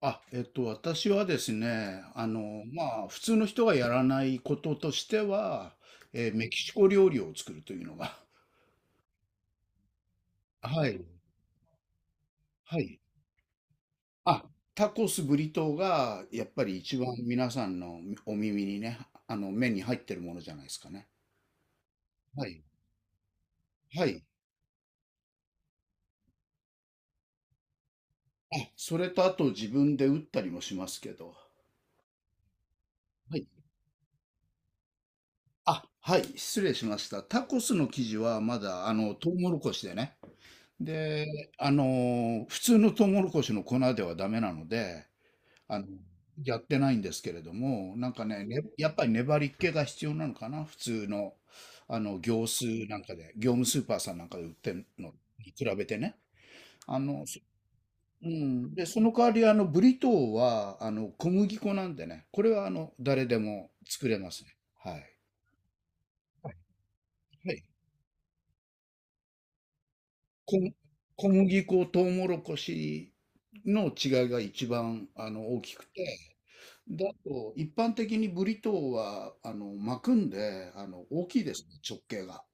私はですね、普通の人がやらないこととしては、メキシコ料理を作るというのが。はい、はい。あ、タコス、ブリトーが、やっぱり一番皆さんのお耳にね、目に入ってるものじゃないですかね。はい、はい。それとあと自分で打ったりもしますけど、はい。はい、失礼しました。タコスの生地はまだ、トウモロコシでね、で、普通のトウモロコシの粉ではダメなので、あの、やってないんですけれども、なんかね、やっぱり粘り気が必要なのかな、普通の、業スーなんかで、業務スーパーさんなんかで売ってるのに比べてね。あの、そうん。で、その代わり、ブリトーは、小麦粉なんでね、これは、誰でも作れますね。はい。はい。はい。小、小麦粉、トウモロコシの違いが一番、大きくて、だと、一般的にブリトーは、巻くんで、大きいですね、直径が。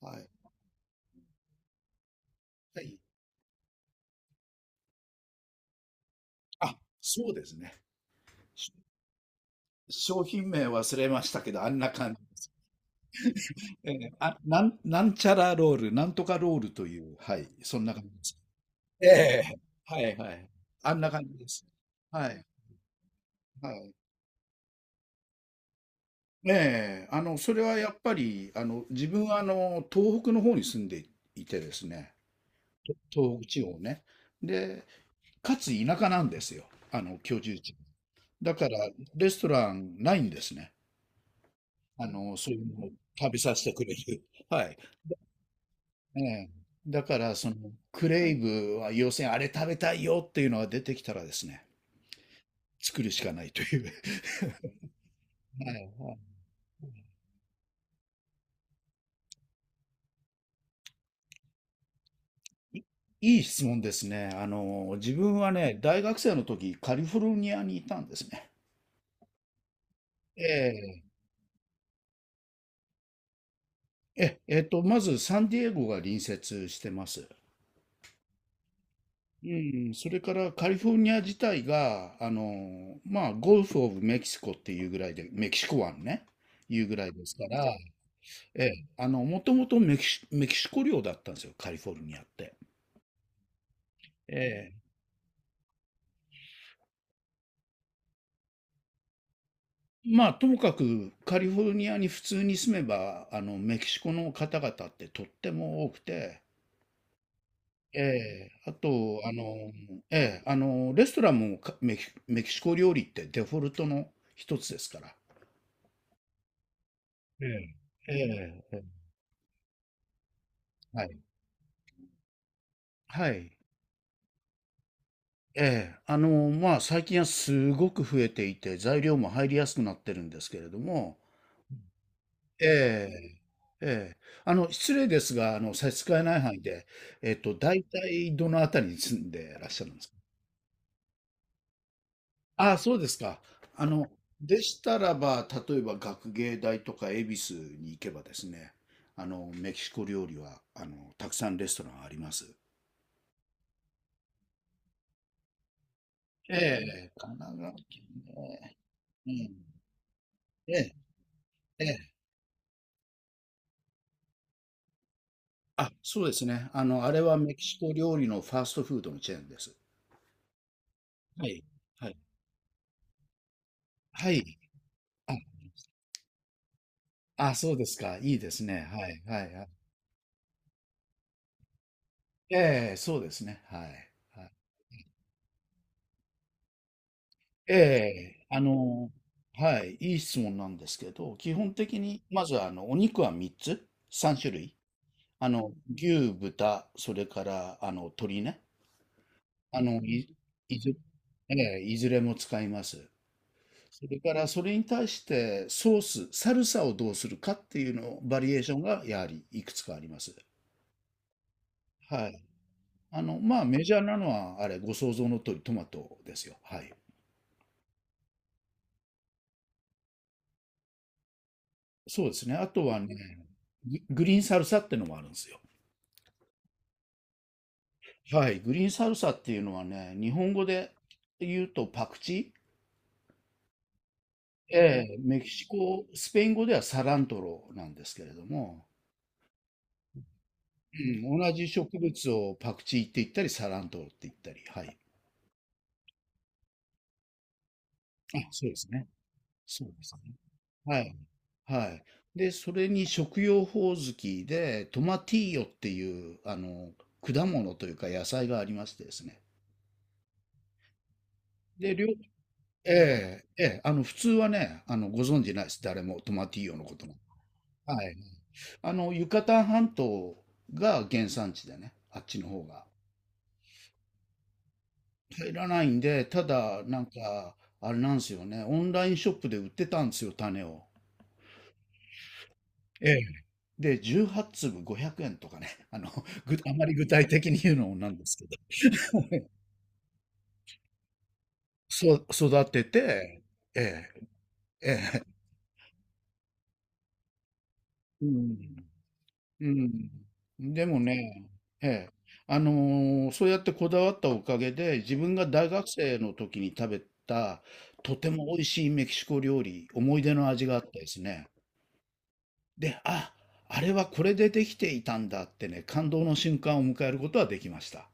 はい。はい。あ、そうですね。し商品名忘れましたけど、あんな感じ。ええ。なんちゃらロール、なんとかロールという、はい、そんな感じです。ええ、はいはい。あんな感じです。はい、はい。ねえ、それはやっぱり、自分は、東北の方に住んでいてですね、東北地方ね。で、かつ田舎なんですよ、あの居住地。だからレストランないんですね。そういうのを食べさせてくれる。はい。ええ。だからそのクレイブは要するにあれ食べたいよっていうのが出てきたらですね、作るしかないという。はいはい。いいい質問ですね。自分はね、大学生の時カリフォルニアにいたんですね。ええ、まずサンディエゴが隣接してます。うん、それからカリフォルニア自体が、ゴルフ・オブ・メキシコっていうぐらいで、メキシコ湾ね、いうぐらいですから、ええ、もともとメキシコ領だったんですよ、カリフォルニアって。ええ、ともかくカリフォルニアに普通に住めば、メキシコの方々ってとっても多くて、ええ、あと、あの、ええ、レストランもかメキシコ料理ってデフォルトの一つですから。ええ、ええ、ええ。はい。はい。ええ。最近はすごく増えていて、材料も入りやすくなってるんですけれども、ええ、ええ。失礼ですが、差し支えない範囲で、大体どのあたりに住んでらっしゃるんですか？ああ、そうですか。あの、でしたらば、例えば学芸大とか恵比寿に行けばですね、メキシコ料理は、たくさんレストランあります。ええ、神奈川県ね。うん。ええ、ええ。そうですね。あれはメキシコ料理のファーストフードのチェーンです。はい。はい。はい。そうですか。いいですね。はい。はい。はい。ええ、そうですね。はい。はい。ええ、はい。いい質問なんですけど、基本的に、まず、お肉は3つ、3種類。牛、豚、それから、鶏ね。あの、い、いず、ええ、いずれも使います。それからそれに対してソース、サルサをどうするかっていうのバリエーションがやはりいくつかあります。はい。メジャーなのはあれ、ご想像の通りトマトですよ。はい。そうですね。あとはね、グリーンサルサってのもあるんですよ。はい。グリーンサルサっていうのはね、日本語で言うとパクチー、ええ、メキシコ、スペイン語ではサラントロなんですけれども、うん、同じ植物をパクチーって言ったり、サラントロって言ったり、はい。そうですね。そうですね。はい。はい。で、それに食用ホオズキで、トマティーヨっていう、果物というか野菜がありましてですね。で、ええ、ええ、普通はね、ご存知ないです。誰もトマティーヨのことも。はい。ユカタン半島が原産地でね、あっちの方が。入らないんで、ただ、なんか、あれなんですよね、オンラインショップで売ってたんですよ、種を。で、18粒500円とかね、あまり具体的に言うのもなんですけど、そう育てて、ええ、ええ、うん、うん。でもね、ええ、あのそうやってこだわったおかげで、自分が大学生の時に食べた、とても美味しいメキシコ料理、思い出の味があってですね。で、あれはこれでできていたんだってね、感動の瞬間を迎えることはできました。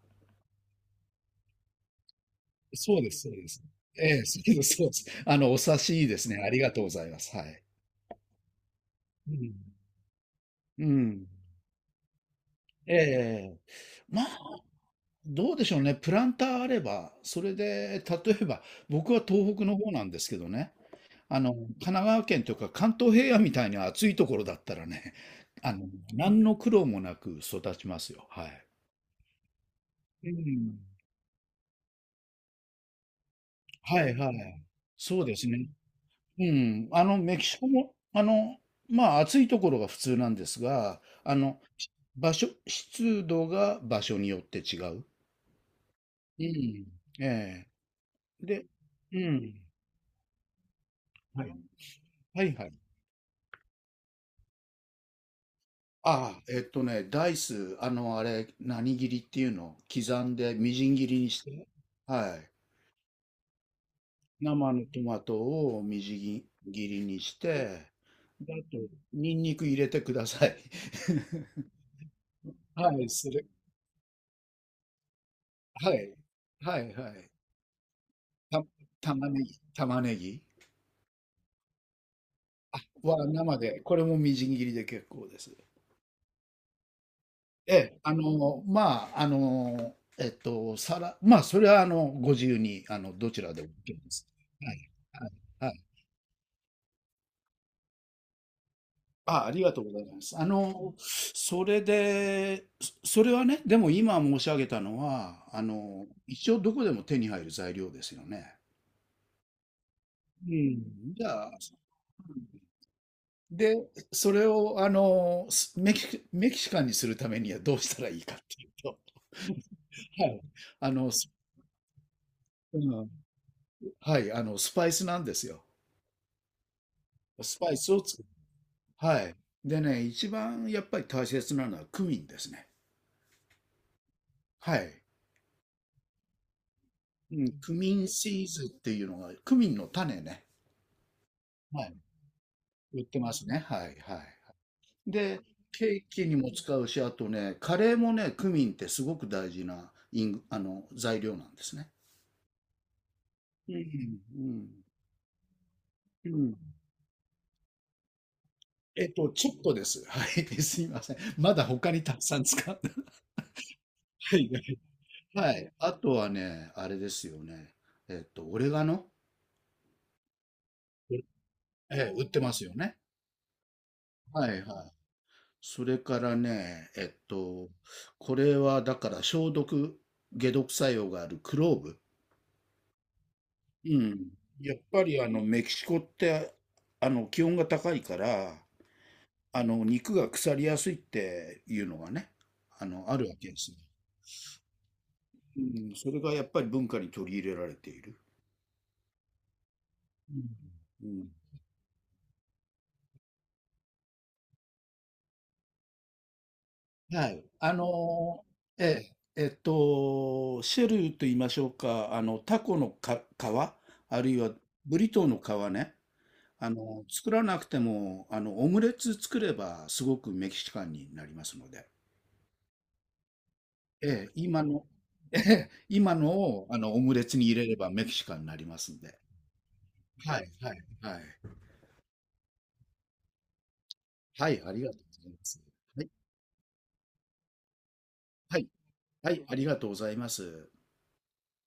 そうです、そうです。ええ、そうです、そうです。お察しいいですね。ありがとうございます。はい。うん。うん。ええ。まあ、どうでしょうね。プランターあれば、それで、例えば、僕は東北の方なんですけどね、神奈川県というか関東平野みたいに暑いところだったらね、あの、何の苦労もなく育ちますよ。はい。うん。はいはい。そうですね。うん、メキシコも、暑いところが普通なんですが、場所、湿度が場所によって違う。うん。ええ。で、うん。はい。はいはい。ああ、ね、ダイス、あれ、何切りっていうの刻んで、みじん切りにして、はい。生のトマトをみじん切りにして、であと、ニンニク入れてください。はい、はい。はいはい。た玉ねぎは生で、これもみじん切りで結構です。ええ、あの、まあ、あの、えっと、さら、まあ、それは、ご自由に、どちらでも OK です。はい、はい、はい。ありがとうございます。それで、それはね、でも今申し上げたのは、一応どこでも手に入る材料ですよね。うん、じゃあ、で、それを、あの、すメキメキシカンにするためにはどうしたらいいかっていうと、はい、あの、すうん、はい、スパイスなんですよ。スパイスを作る。はい。でね、一番やっぱり大切なのはクミンですね。はい。うん、クミンシーズっていうのが、クミンの種ね。はい。売ってますね。はい、はい。で、ケーキにも使うし、あとね、カレーもね、クミンってすごく大事なイング、あの、材料なんですね。うん、うん、うん。ちょっとです。はい、すいません。まだ他にたくさん使って。はいはい、はい。あとはね、あれですよね。オレガノ、ええ、売ってますよね。はいはい。それからね、これはだから解毒作用があるクローブ。うん。やっぱりメキシコって、気温が高いから、肉が腐りやすいっていうのがね、あるわけです。うん、それがやっぱり文化に取り入れられている。うん。うん。はい。ええ、シェルと言いましょうか、タコの皮、あるいはブリトーの皮ね、作らなくても、オムレツ作ればすごくメキシカンになりますので、ええ、ええ、今のを、オムレツに入れればメキシカンになりますんで。はい、はい、はい。はい、ありがとうございます。はい、はい、はい、ありがとうございます。